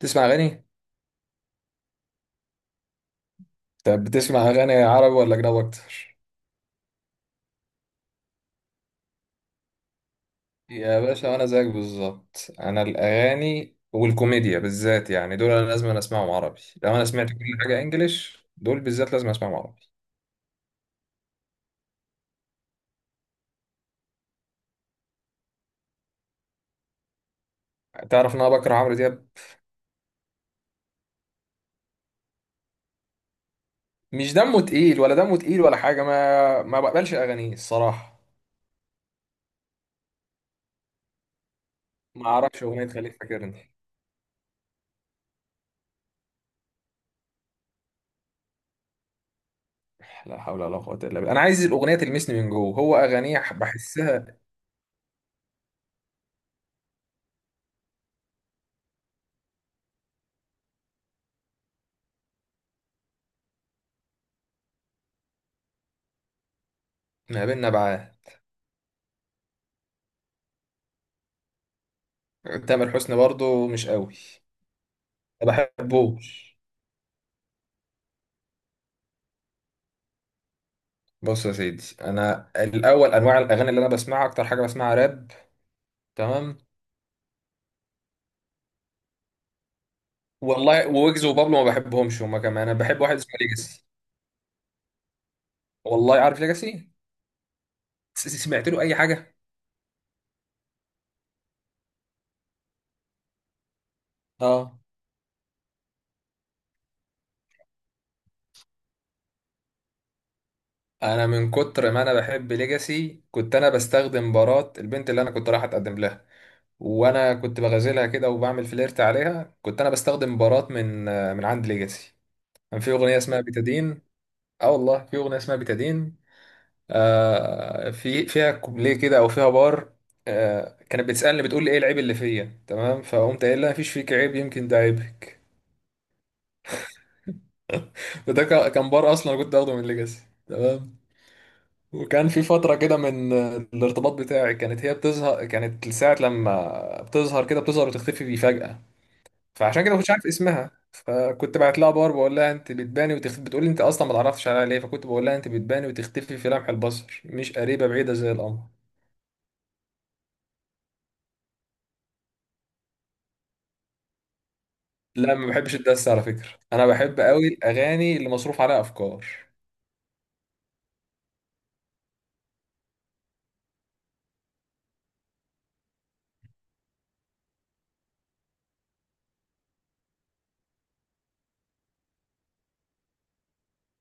تسمع اغاني؟ طب، بتسمع اغاني عربي ولا اجنبي اكتر؟ يا باشا، انا زيك بالظبط. انا الاغاني والكوميديا بالذات يعني دول انا لازم اسمعهم عربي. لو انا سمعت كل حاجه انجليش، دول بالذات لازم اسمعهم عربي. تعرف ان انا بكره عمرو دياب؟ مش دمه تقيل ولا دمه تقيل ولا حاجه، ما بقبلش اغانيه الصراحه. ما اعرفش اغنيه تخليك فاكرني. لا حول ولا قوه الا بالله، انا عايز الاغنيه تلمسني من جوه، هو اغانيه بحسها ما بين نبعات. تامر حسني برضو مش قوي. ما بحبوش. بص يا سيدي، انا الاول انواع الاغاني اللي انا بسمعها اكتر حاجه بسمعها راب. تمام. والله ويجز وبابلو ما بحبهمش هما كمان، انا بحب واحد اسمه ليجاسي. والله عارف ليجاسي. سمعت له اي حاجه؟ اه. انا من كتر ما انا بحب ليجاسي، كنت انا بستخدم بارات البنت اللي انا كنت رايح اتقدم لها. وانا كنت بغازلها كده وبعمل فليرت عليها، كنت انا بستخدم بارات من عند ليجاسي. كان في اغنيه اسمها بيتادين. اه والله، في اغنيه اسمها بيتادين. في فيها كوبليه كده او فيها بار. كانت بتسالني بتقول لي: ايه العيب اللي فيا، تمام؟ فقمت قايل لها: مفيش فيك عيب، يمكن ده عيبك. وده كان بار اصلا، أنا كنت اخده من ليجاسي، تمام. وكان في فتره كده من الارتباط بتاعي كانت هي بتظهر، كانت ساعه لما بتظهر كده بتظهر وتختفي بيه فجاه. فعشان كده ما كنتش عارف اسمها، فكنت بعت لها بار بقول لها: انت بتباني وتختفي، بتقول لي: انت اصلا ما تعرفش عليها ليه، فكنت بقول لها: انت بتباني وتختفي في لمح البصر، مش قريبه بعيده زي القمر. لا، ما بحبش الدس على فكرة. انا بحب قوي الاغاني اللي مصروف عليها افكار.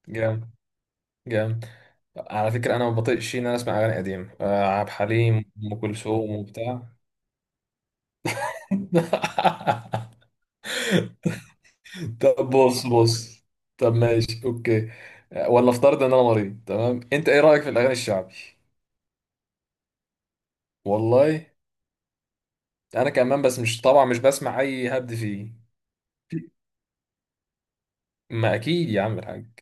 جامد. جامد. على فكرة انا ما بطيقش ان انا اسمع اغاني قديمة، عبد الحليم، ام كلثوم وبتاع. طب بص بص. طب، ماشي، اوكي. ولا افترض ان انا مريض، تمام، انت ايه رأيك في الاغاني الشعبي؟ والله. انا كمان، بس مش طبعا مش بسمع اي هبد فيه. ما اكيد يا عم الحاج.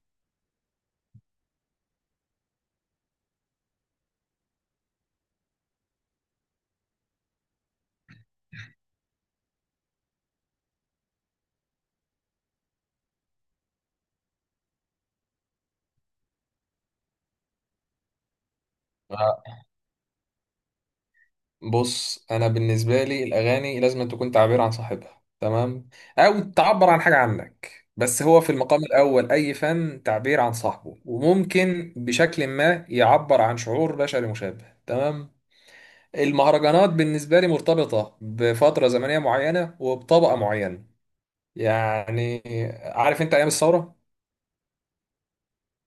آه، بص، انا بالنسبه لي الاغاني لازم تكون تعبير عن صاحبها، تمام. او تعبر عن حاجه عنك، بس هو في المقام الاول اي فن تعبير عن صاحبه، وممكن بشكل ما يعبر عن شعور بشري مشابه، تمام. المهرجانات بالنسبه لي مرتبطه بفتره زمنيه معينه وبطبقه معينه. يعني، عارف انت ايام الثوره؟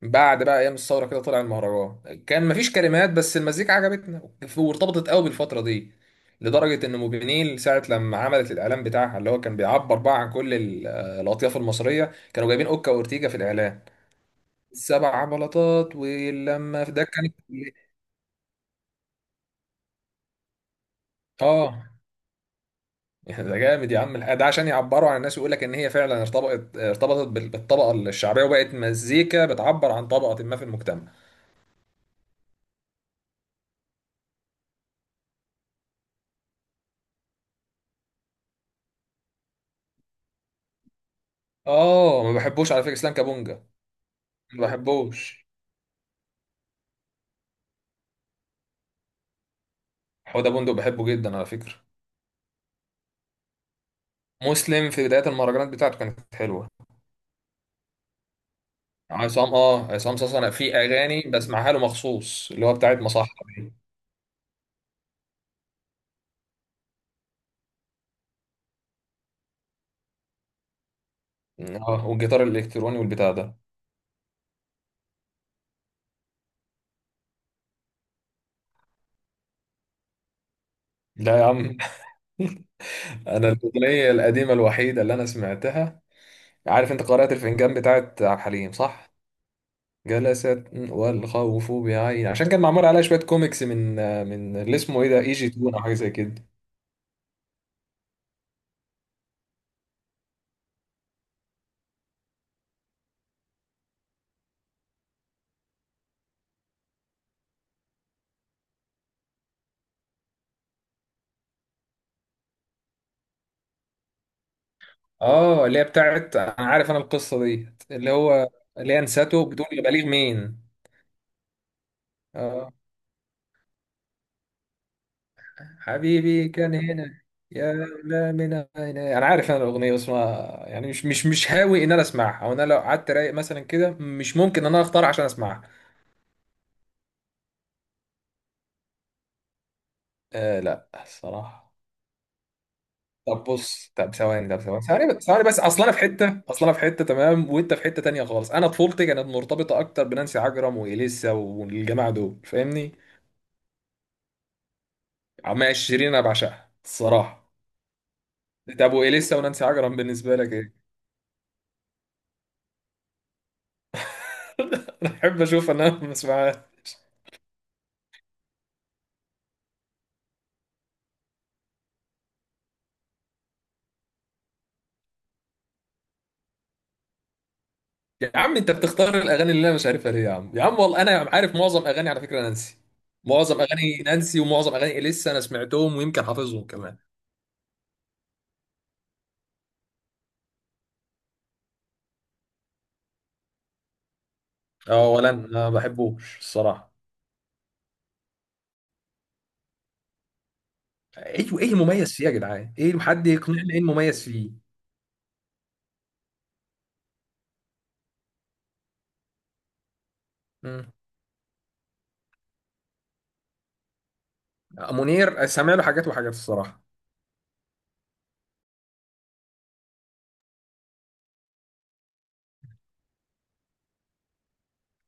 بعد بقى ايام الثوره كده طلع المهرجان، كان مفيش كلمات بس المزيكا عجبتنا. وارتبطت قوي بالفتره دي. لدرجه ان موبينيل ساعه لما عملت الاعلان بتاعها اللي هو كان بيعبر بقى عن كل الاطياف المصريه، كانوا جايبين اوكا واورتيجا في الاعلان. السبع بلاطات، ولما في ده كان. اه. ده جامد يا عم، ده عشان يعبروا عن الناس، ويقول لك ان هي فعلا ارتبطت بالطبقه الشعبيه، وبقت مزيكا بتعبر عن طبقه ما في المجتمع. اه، ما بحبوش على فكره، اسلام كابونجا. ما بحبوش. حوده بندق بحبه جدا على فكره. مسلم في بدايه المهرجانات بتاعته كانت حلوه. عصام صاصا، انا في اغاني بسمعها له مخصوص اللي هو بتاعت مصحة دي. اه، والجيتار الالكتروني والبتاع ده. لا يا عم. انا الاغنيه القديمه الوحيده اللي انا سمعتها، عارف انت قارئة الفنجان بتاعت عبد الحليم، صح؟ جلست والخوف بعين، عشان كان معمول عليها شويه كوميكس من اللي اسمه ايه ده، اي جي تون او حاجه زي كده. اه، اللي هي بتاعت، انا عارف انا القصه دي، اللي هو اللي هي نساته بتقول: يا بليغ مين؟ اه، حبيبي كان هنا، يا، لا، من هنا انا عارف انا الاغنيه، بس ما، يعني مش هاوي ان انا اسمعها، او انا لو قعدت رايق مثلا كده مش ممكن ان انا اختار عشان اسمعها. لا الصراحه. طب، بص، طب ثواني طب ثواني ثواني بس ثواني بس، اصل انا في حته، تمام، وانت في حته تانية خالص، انا طفولتي كانت مرتبطه اكتر بنانسي عجرم واليسا والجماعه دول، فاهمني؟ عمال شيرين انا بعشقها الصراحه. طب، واليسا ونانسي عجرم بالنسبه لك ايه؟ انا احب اشوف ان انا ما اسمعهاش. يا عم انت بتختار الاغاني اللي انا مش عارفها ليه يا عم يا عم؟ والله انا عارف معظم اغاني على فكره نانسي. معظم اغاني نانسي ومعظم اغاني اليسا انا سمعتهم، ويمكن حافظهم كمان. اه، ولا انا ما بحبوش الصراحه. ايه، ايه المميز فيه يا جدعان؟ ايه؟ حد يقنعني ايه المميز فيه؟ مم. منير، سامع له حاجات وحاجات الصراحه.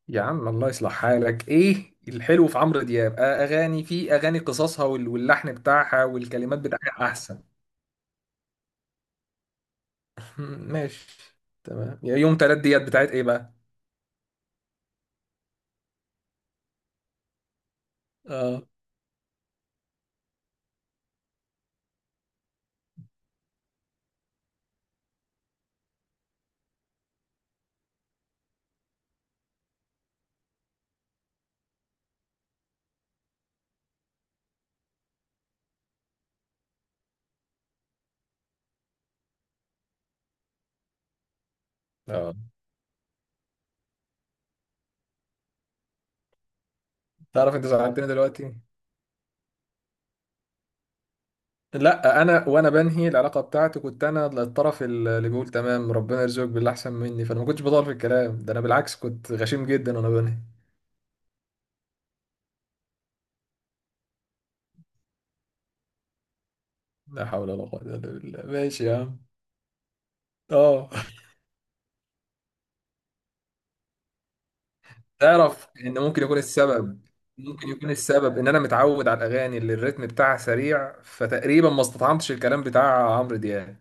يا عم الله يصلح حالك، ايه الحلو في عمرو دياب؟ اغاني، في اغاني قصصها واللحن بتاعها والكلمات بتاعها احسن. مم، ماشي. تمام، يا يوم تلات ديات بتاعت ايه بقى؟ اه. اه. تعرف انت زعلتني دلوقتي؟ لا، انا وانا بنهي العلاقه بتاعتي كنت انا الطرف اللي بيقول: تمام، ربنا يرزقك باللي احسن مني، فانا ما كنتش بطال في الكلام ده، انا بالعكس كنت غشيم جدا وانا بنهي. لا حول ولا قوه الا بالله، ماشي يا عم. اه. تعرف ان ممكن يكون السبب ان انا متعود على الاغاني اللي الريتم بتاعها سريع، فتقريبا ما استطعمتش الكلام بتاع عمرو دياب.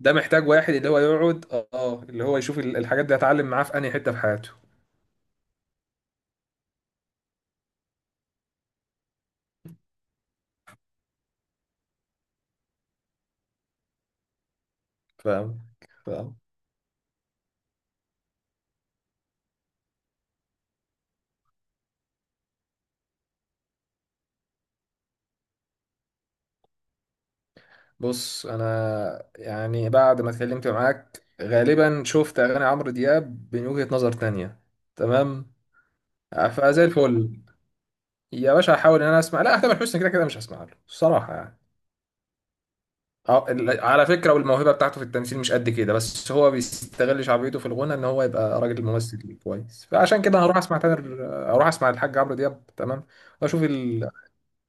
ده محتاج واحد اللي هو يقعد. اه، اللي هو يشوف الحاجات دي هتعلم معاه في انهي حته في حياته. فاهم. فاهم. بص، انا يعني بعد ما اتكلمت معاك غالبا شفت اغاني عمرو دياب من وجهة نظر تانية. تمام. فزي الفل. يا باشا، هحاول ان انا اسمع، لا تامر حسني كده كده مش هسمع له الصراحه يعني. اه، على فكره، والموهبه بتاعته في التمثيل مش قد كده، بس هو بيستغل شعبيته في الغنى ان هو يبقى راجل ممثل كويس، فعشان كده هروح اسمع تامر. اروح اسمع الحاج عمرو دياب، تمام. واشوف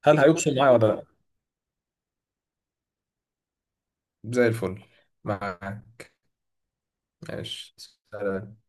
هل هيقصر معايا ولا لا؟ زي الفل. معاك. ماشي، سلام.